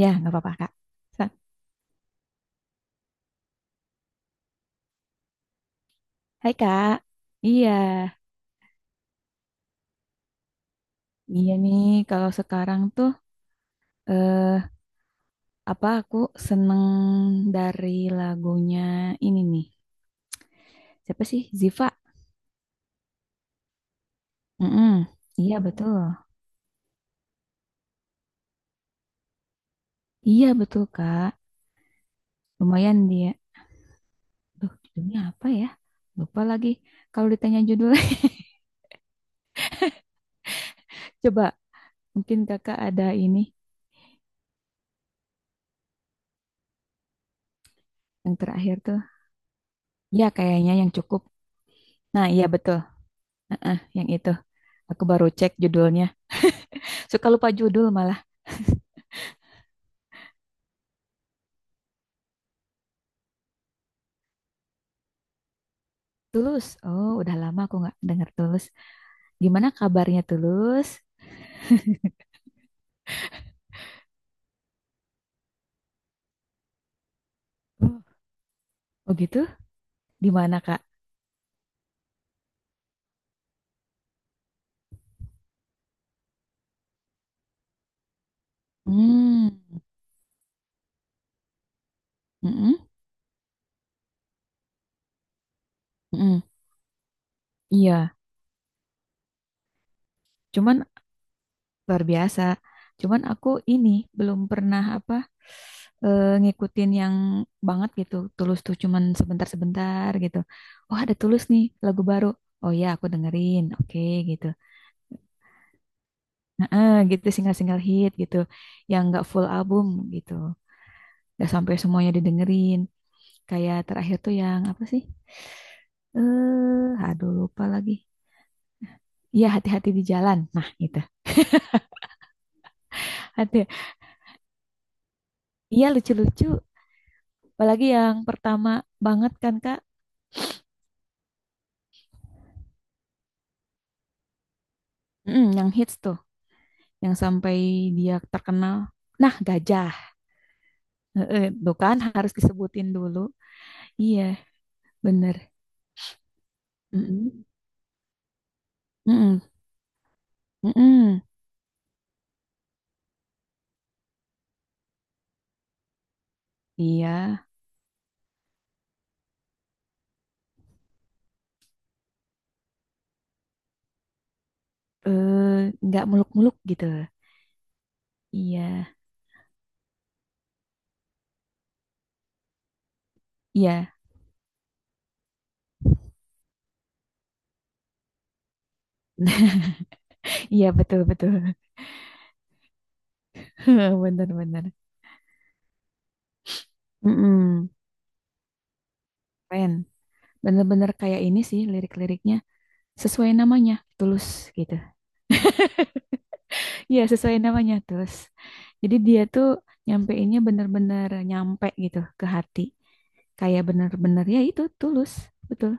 Ya, nggak apa-apa, Kak. Sa- Hai, Kak. Iya, iya nih. Kalau sekarang tuh, eh, apa aku seneng dari lagunya ini nih. Siapa sih? Ziva. Mm-mm. Iya, betul. Iya, betul, Kak. Lumayan dia. Duh, judulnya apa ya? Lupa lagi. Kalau ditanya judulnya, coba mungkin Kakak ada ini yang terakhir tuh. Ya, kayaknya yang cukup. Nah, iya, betul. Heeh, yang itu. Aku baru cek judulnya. Suka lupa judul malah. Tulus. Oh, udah lama aku nggak dengar Tulus. Gimana kabarnya Tulus? Oh, Oh gitu? Di mana, Kak? Hmm. Mm-mm. Mm-mm. Iya, cuman luar biasa. Cuman aku ini belum pernah apa ngikutin yang banget gitu. Tulus tuh cuman sebentar-sebentar gitu. Oh, ada Tulus nih, lagu baru. Oh ya, aku dengerin. Oke, gitu. Nah, gitu single-single hit gitu. Yang nggak full album gitu. Gak sampai semuanya didengerin. Kayak terakhir tuh yang apa sih? Eh, aduh lupa lagi. Iya, hati-hati di jalan. Nah, itu. Ada. Iya, lucu-lucu. Apalagi yang pertama banget kan, Kak? Mm, yang hits tuh, yang sampai dia terkenal. Nah, gajah. Heeh, tuh kan harus disebutin dulu. Iya, bener. Mm-mm. Mm-mm. Mm-mm. Iya. Eh, nggak muluk-muluk gitu. Iya. Iya. Iya, betul-betul. Bener-bener. Mm-mm. Keren. Bener-bener kayak ini sih lirik-liriknya. Sesuai namanya, Tulus gitu. Iya, sesuai namanya, Tulus. Jadi dia tuh nyampeinnya bener-bener nyampe gitu ke hati. Kayak bener-bener ya itu, Tulus. Betul.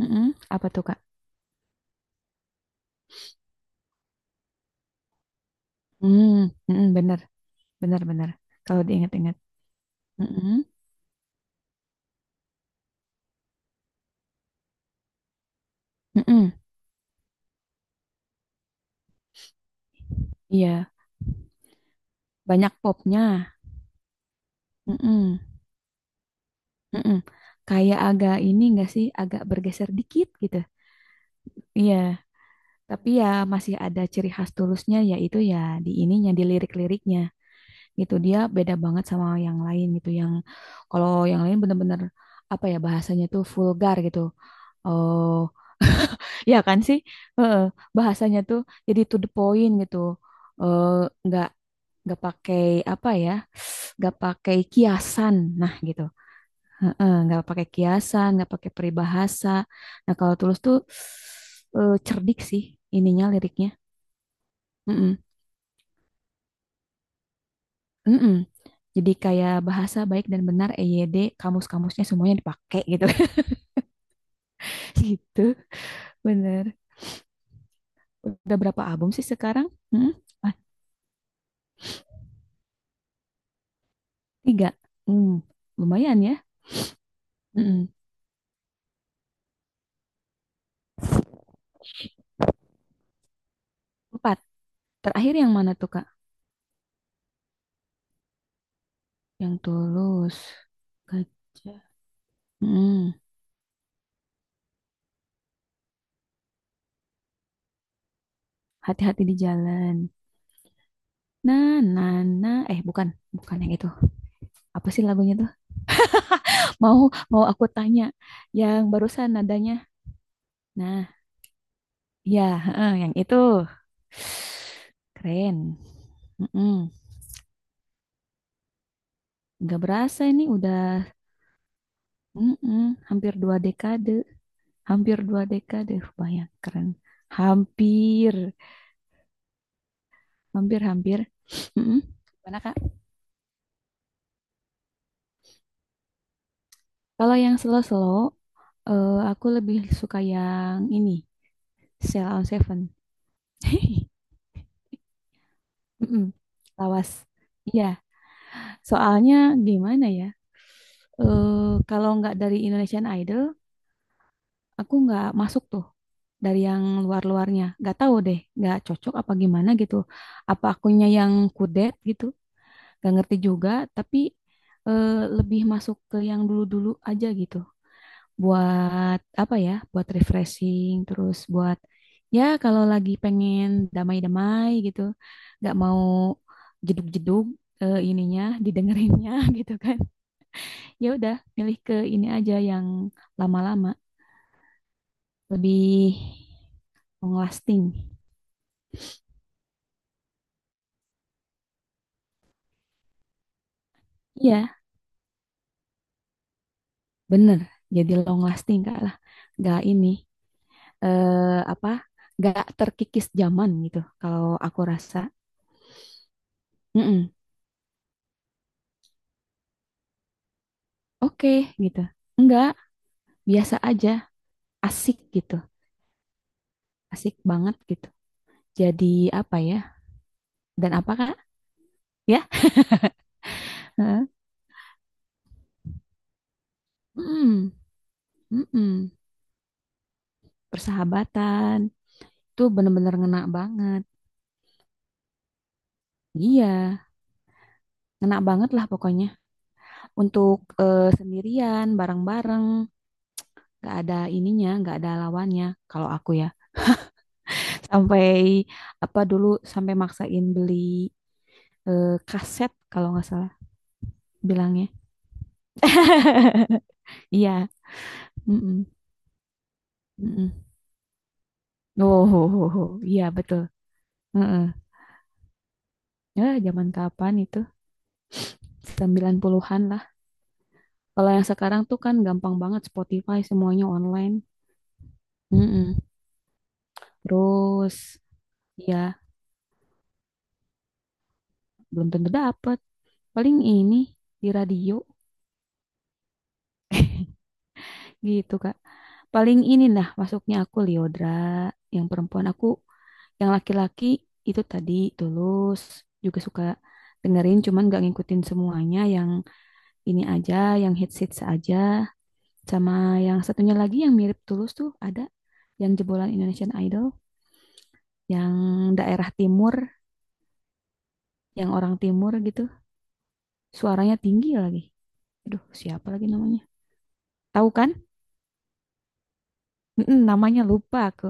Mm-mm. Apa tuh, Kak? Hmm, mm-mm, bener, bener-bener. Kalau diingat-ingat. Mm-mm, mm-mm. Iya, banyak popnya. Mm-mm, mm-mm. Kayak agak ini enggak sih, agak bergeser dikit gitu. Iya. Tapi ya masih ada ciri khas Tulusnya yaitu ya di ininya di lirik-liriknya gitu. Dia beda banget sama yang lain gitu. Yang kalau yang lain bener-bener apa ya bahasanya tuh vulgar gitu. Oh, ya kan sih? Heeh, bahasanya tuh jadi to the point gitu. Eh nggak pakai apa ya? Nggak pakai kiasan. Nah, gitu. Heeh, nggak pakai kiasan, nggak pakai peribahasa. Nah, kalau Tulus tuh cerdik sih ininya liriknya. Mm-mm. Mm-mm. Jadi kayak bahasa baik dan benar EYD, kamus-kamusnya semuanya dipakai gitu. Gitu, bener. Udah berapa album sih sekarang? Mm-mm. Ah, tiga. Hmm, lumayan ya. Mm-mm. Empat. Terakhir yang mana tuh, Kak? Yang tulus. Gajah. Mm-mm. Hati-hati di jalan. Na, na, na. Eh, bukan. Bukan yang itu. Apa sih lagunya tuh? Mau, mau aku tanya. Yang barusan nadanya. Nah. Iya, heeh, yang itu. Keren. Mm-mm. Nggak berasa ini udah mm-mm, hampir dua dekade. Hampir dua dekade. Banyak keren. Hampir. Hampir-hampir. Mm-mm. Mana Kak? Kalau yang slow-slow, aku lebih suka yang ini. Cell on Seven. Mm-mm. Lawas. Iya. Soalnya gimana ya? Eh, kalau nggak dari Indonesian Idol, aku nggak masuk tuh dari yang luar-luarnya nggak tahu deh nggak cocok apa gimana gitu apa akunya yang kudet gitu nggak ngerti juga tapi eh, lebih masuk ke yang dulu-dulu aja gitu buat apa ya buat refreshing terus buat ya kalau lagi pengen damai-damai gitu nggak mau jeduk-jeduk ininya didengerinnya gitu kan ya udah milih ke ini aja yang lama-lama lebih long lasting. Iya, bener. Jadi long lasting Kak lah. Gak ini apa? Gak terkikis zaman gitu. Kalau aku rasa, "Mm-mm, oke gitu. Enggak, biasa aja, asik gitu, asik banget gitu. Jadi apa ya? Dan apa Kak? Ya, Heeh. Mm-mm, mm-mm. Persahabatan tuh bener-bener ngena banget. Iya, ngena banget lah pokoknya. Untuk sendirian, bareng-bareng. Nggak ada ininya nggak ada lawannya kalau aku ya sampai apa dulu sampai maksain beli kaset kalau nggak salah bilangnya iya mm-mm, mm-mm. oh ho, ho, ho. Iya betul Heeh. Ya, zaman kapan itu 90-an lah kalau yang sekarang tuh kan gampang banget Spotify semuanya online Mm-mm. terus ya belum tentu dapet paling ini di radio gitu Kak. Paling ini lah masuknya aku Liodra, yang perempuan aku, yang laki-laki itu tadi Tulus juga suka dengerin, cuman gak ngikutin semuanya. Yang ini aja, yang hits-hits aja, sama yang satunya lagi yang mirip Tulus tuh ada yang jebolan Indonesian Idol, yang daerah timur, yang orang timur gitu, suaranya tinggi lagi. Aduh, siapa lagi namanya? Tahu kan? Mm-mm, namanya lupa aku.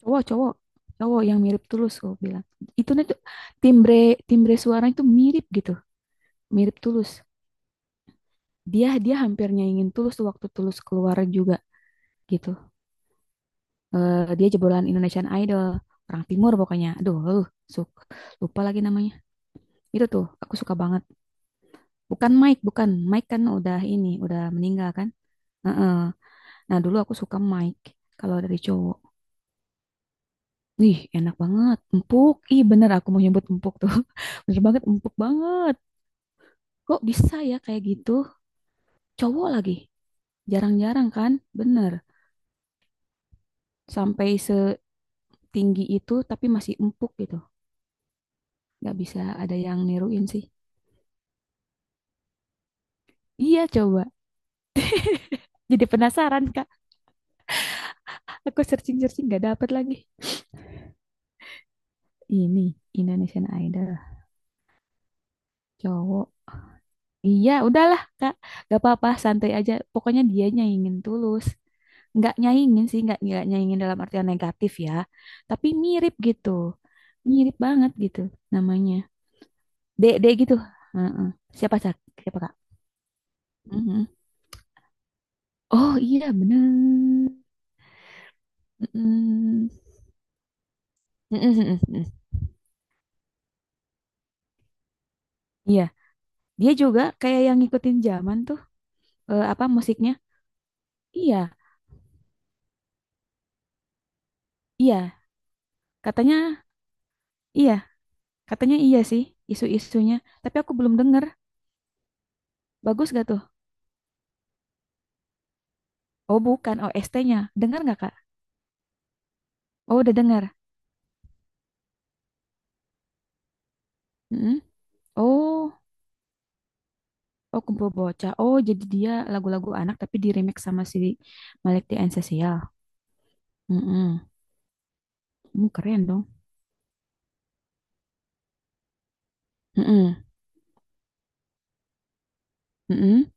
Cowok cowok cowok yang mirip Tulus gue bilang itu nih tuh timbre timbre suara itu mirip gitu mirip Tulus dia dia hampir nyaingin Tulus tuh waktu Tulus keluar juga gitu Eh, dia jebolan Indonesian Idol orang Timur pokoknya aduh suk lupa lagi namanya itu tuh aku suka banget bukan Mike kan udah ini udah meninggal kan Heeh. nah dulu aku suka Mike kalau dari cowok Wih, enak banget. Empuk. Ih, bener aku mau nyebut empuk tuh. Bener banget, empuk banget. Kok bisa ya kayak gitu cowok lagi jarang-jarang kan bener sampai setinggi itu tapi masih empuk gitu nggak bisa ada yang niruin sih iya coba jadi penasaran kak aku searching-searching nggak dapet lagi ini Indonesian Idol cowok iya udahlah kak gak apa-apa santai aja pokoknya dia nyaingin tulus nggak nyaingin sih nggak nyaingin dalam artian negatif ya tapi mirip gitu mirip banget gitu namanya D D gitu. Heeh. Siapa Cak? Siapa Kak? Mhm. Oh iya bener. Mhm. Mhm, mhm, mhm. Iya, dia juga kayak yang ngikutin zaman tuh apa musiknya? Iya, iya. Katanya iya, katanya iya sih isu-isunya. Tapi aku belum denger. Bagus gak tuh? Oh bukan OST-nya. Dengar nggak Kak? Oh udah dengar. Mhm. Oh, oh kumpul bocah. Oh jadi dia lagu-lagu anak tapi di remake sama si Malik the Ancestral. Mhm. Hmm, keren dong. Mm-mm. Mm-mm.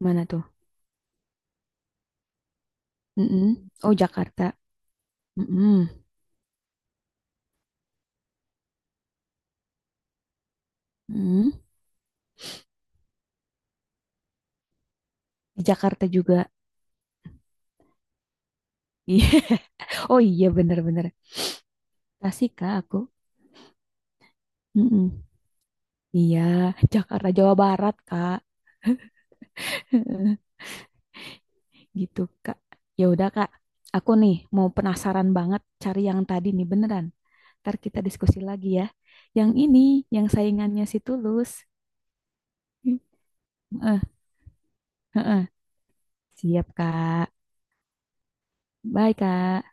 Mana tuh? Mm-mm. Oh, Jakarta. Mm-mm. Mm. Di Jakarta juga. Iya. Oh iya, bener-bener. Tasik, Kak, aku. Mm-mm. Iya, Jakarta, Jawa Barat, Kak. Gitu, Kak. Ya udah, Kak. Aku nih mau penasaran banget cari yang tadi nih, beneran. Ntar kita diskusi lagi ya. Yang ini, yang saingannya si Tulus. Heeh, heeh. Siap, Kak. Bye, Kak.